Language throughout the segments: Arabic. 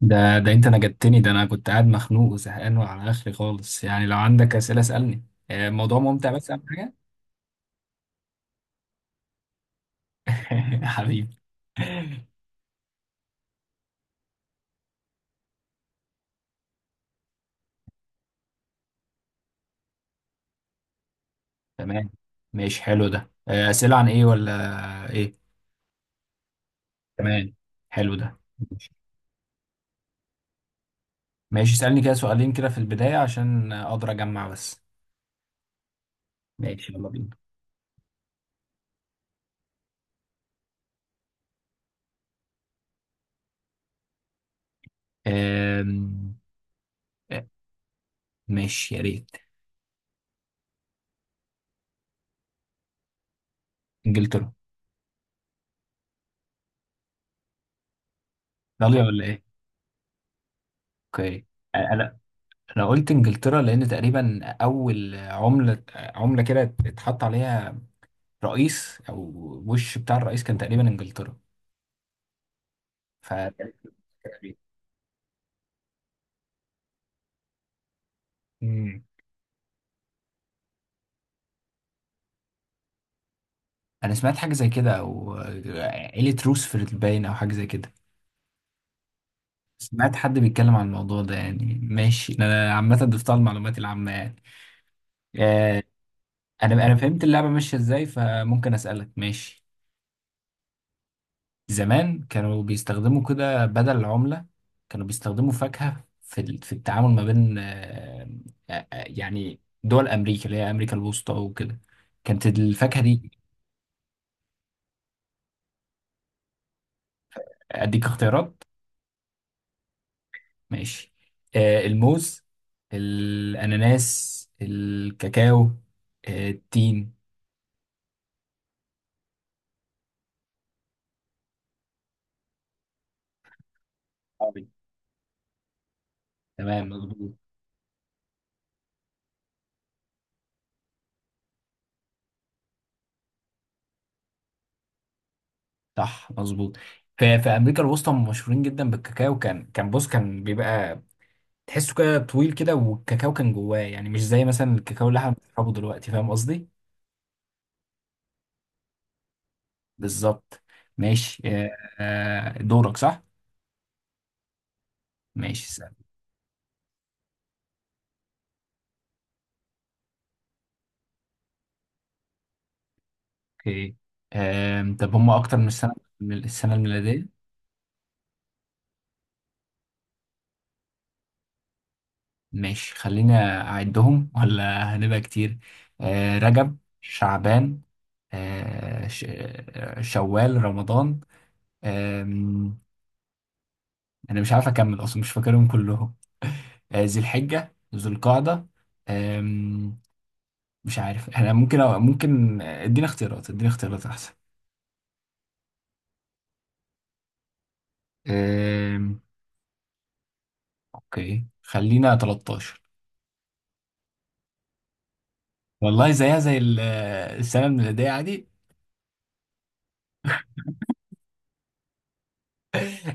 ده انت نجدتني. ده انا كنت قاعد مخنوق وزهقان وعلى اخري خالص، يعني لو عندك اسئله اسالني. الموضوع ممتع، بس اهم حاجه. حبيبي. تمام، ماشي، حلو ده. اسئله عن ايه ولا ايه؟ تمام، حلو ده. ماشي ماشي، اسالني كده سؤالين كده في البدايه عشان اقدر اجمع بس. ماشي، يلا بينا. آم، آه، ماشي يا ريت. انجلترا. ايطاليا ولا ايه؟ اوكي. انا قلت انجلترا لان تقريبا اول عملة عملة كده اتحط عليها رئيس، او وش بتاع الرئيس، كان تقريبا انجلترا. ف. مم. انا سمعت حاجة زي كده، او عيلة روزفلت باين او حاجة زي كده. سمعت حد بيتكلم عن الموضوع ده يعني. ماشي، انا عامة ضفتها المعلومات العامة يعني. آه، انا فهمت اللعبة ماشية ازاي، فممكن اسألك. ماشي. زمان كانوا بيستخدموا كده بدل العملة، كانوا بيستخدموا فاكهة في التعامل ما بين، يعني دول أمريكا اللي هي أمريكا الوسطى وكده، كانت الفاكهة دي. أديك اختيارات. ماشي. الموز، الأناناس، الكاكاو، التين. أوي. تمام مظبوط. صح مظبوط. في امريكا الوسطى هم مشهورين جدا بالكاكاو. كان بص، كان بيبقى تحسه كده طويل كده، والكاكاو كان جواه، يعني مش زي مثلا الكاكاو اللي احنا بنشربه دلوقتي، فاهم قصدي؟ بالظبط. ماشي. دورك صح. ماشي، سأل. اوكي. طب هم اكتر من السنه، من السنه الميلاديه؟ ماشي، خلينا اعدهم ولا هنبقى كتير. رجب، شعبان. شوال، رمضان. آم، انا مش عارف اكمل اصلا، مش فاكرهم كلهم. ذي الحجه، ذو القعده. مش عارف، احنا ممكن أو ممكن ادينا اختيارات، ادينا اختيارات احسن. أم... اوكي، خلينا 13. والله زيها زي السنه الميلاديه عادي.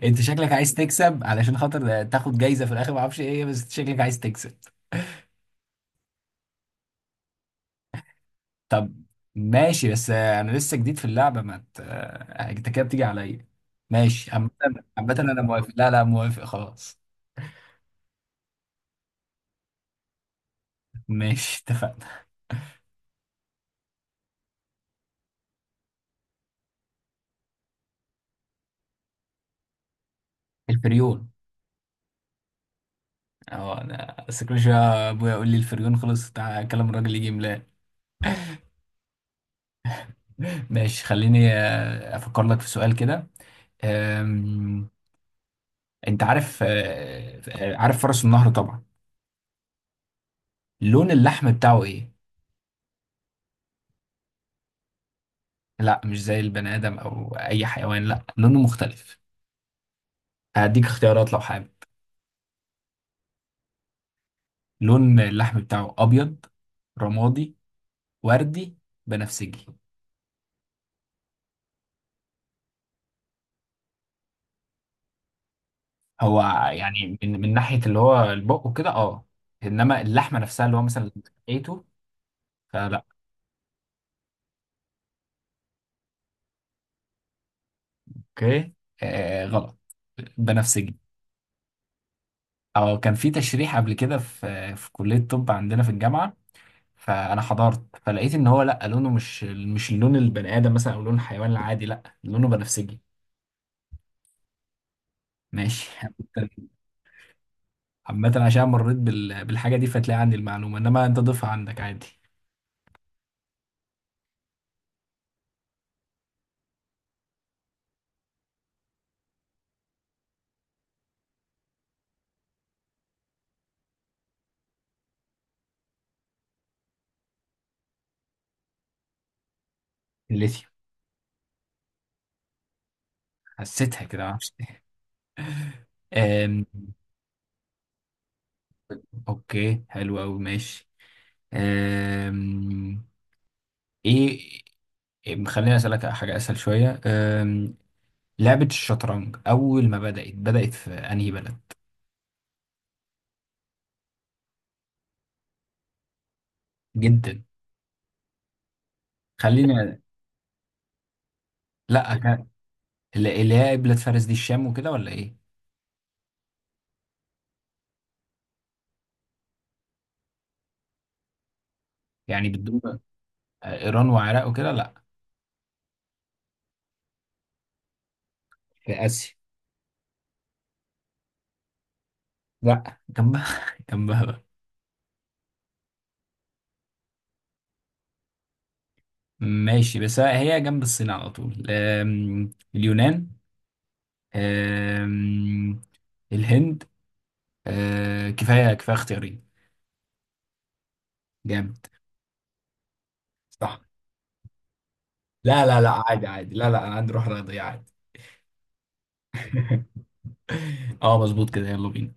انت شكلك عايز تكسب علشان خاطر تاخد جايزه في الاخر، ما اعرفش ايه هي، بس شكلك عايز تكسب. طب ماشي، بس انا لسه جديد في اللعبه، ما ت- انت كده بتيجي عليا. ماشي عامه. عامه انا موافق، لا لا، موافق خلاص. ماشي، اتفقنا. الفريون. اه، انا بس كل شويه ابويا يقول لي الفريون خلص تعالى، كلام الراجل يجي ملاها. ماشي، خليني افكر لك في سؤال كده. أم، انت عارف، عارف فرس النهر طبعا؟ لون اللحم بتاعه ايه؟ لا، مش زي البني ادم او اي حيوان، لا لونه مختلف. هديك اختيارات لو حابب. لون اللحم بتاعه ابيض، رمادي، وردي، بنفسجي؟ هو، يعني من ناحية اللي هو البق وكده اه، انما اللحمة نفسها اللي هو مثلا لقيته فلا. اوكي. غلط. بنفسجي. او كان في تشريح قبل كده في كلية طب عندنا في الجامعة، فانا حضرت فلقيت ان هو لا، لونه مش لون البني ادم مثلا او لون الحيوان العادي، لا لونه بنفسجي. ماشي. عامة عشان مريت بالحاجة دي، فتلاقي عندي المعلومة، انما انت ضيفها عندك عادي. الليثيوم. حسيتها كده، معرفش ليه. أم... اوكي، حلو قوي. ماشي. أم... ايه. خليني اسالك حاجة اسهل شوية. لعبة الشطرنج اول ما بدأت بدأت في انهي بلد؟ جدا. خلينا، لا اللي هي قبلة فارس دي الشام وكده ولا ايه؟ يعني بتدوم. ايران وعراق وكده؟ لا. في اسيا. لا جنبها، جنبها بقى. ماشي، بس هي جنب الصين على طول. اليونان، آم، الهند، كفايه كفايه اختيارين. جامد. صح. لا لا لا، عادي عادي، لا لا، انا عندي روح رياضيه عادي. اه مظبوط كده، يلا بينا.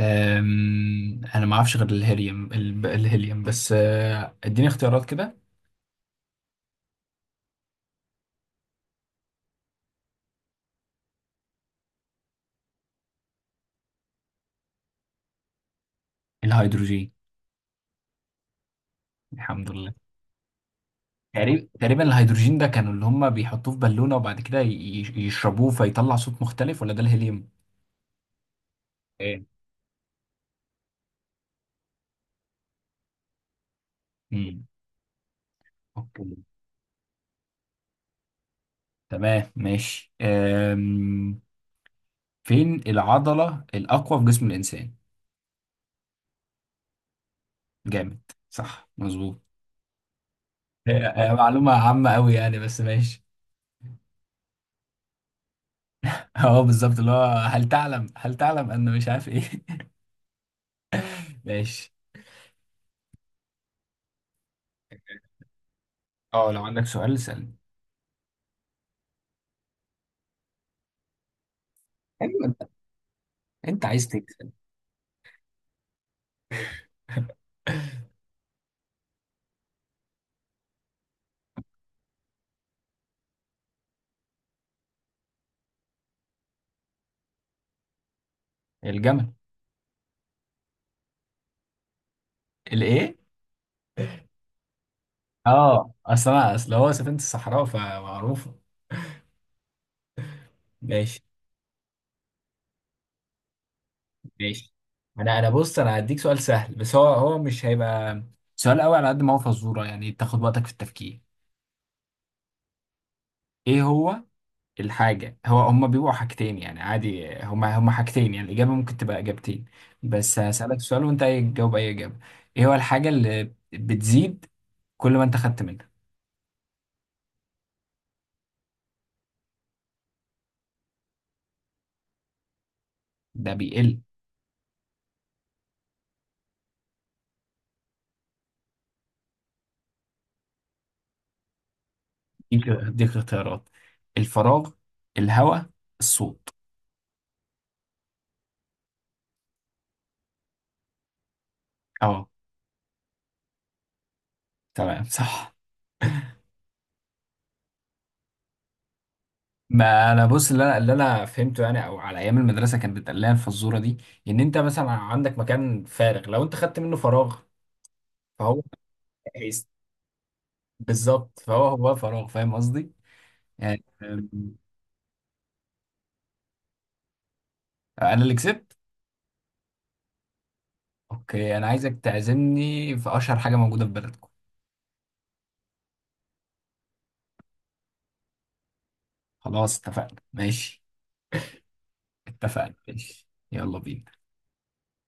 انا ما اعرفش غير الهيليوم، الهيليوم بس. اديني اختيارات كده. الهيدروجين. الحمد لله. تقريبا الهيدروجين ده كانوا اللي هم بيحطوه في بالونة، وبعد كده يشربوه فيطلع صوت مختلف، ولا ده الهيليوم؟ ايه. امم. اوكي تمام ماشي. فين العضلة الأقوى في جسم الإنسان؟ جامد. صح مظبوط. هي معلومة عامة أوي يعني، بس ماشي. اه بالظبط، اللي هو هل تعلم، هل تعلم أن مش عارف إيه. ماشي. اه، لو عندك سؤال اسألني. ايوه، انت عايز تكسب. الجمل. الايه؟ اه، اصل انا اصل هو سفينة الصحراء، فمعروفة. ماشي. ماشي، انا بص، انا هديك سؤال سهل، بس هو مش هيبقى سؤال قوي، على قد ما هو فزورة يعني، تاخد وقتك في التفكير. ايه هو الحاجة، هو هما بيبقوا حاجتين يعني عادي، هما حاجتين يعني، الإجابة ممكن تبقى إجابتين. بس هسألك سؤال وانت هتجاوب أي إجابة. ايه هو الحاجة اللي بتزيد كل ما انت خدت منها؟ ده بيقل. هديك اختيارات. الفراغ، الهواء، الصوت. اه تمام صح. ما انا بص، اللي انا فهمته يعني، او على ايام المدرسه كانت بتقال لنا الفزوره دي، ان انت مثلا عندك مكان فارغ، لو انت خدت منه فراغ، فهو هيس- بالظبط، فهو هو فراغ، فاهم قصدي؟ يعني. انا اللي كسبت. اوكي، انا عايزك تعزمني في اشهر حاجه موجوده في بلدكم. خلاص اتفقنا ماشي. اتفقنا ماشي، يلا بينا.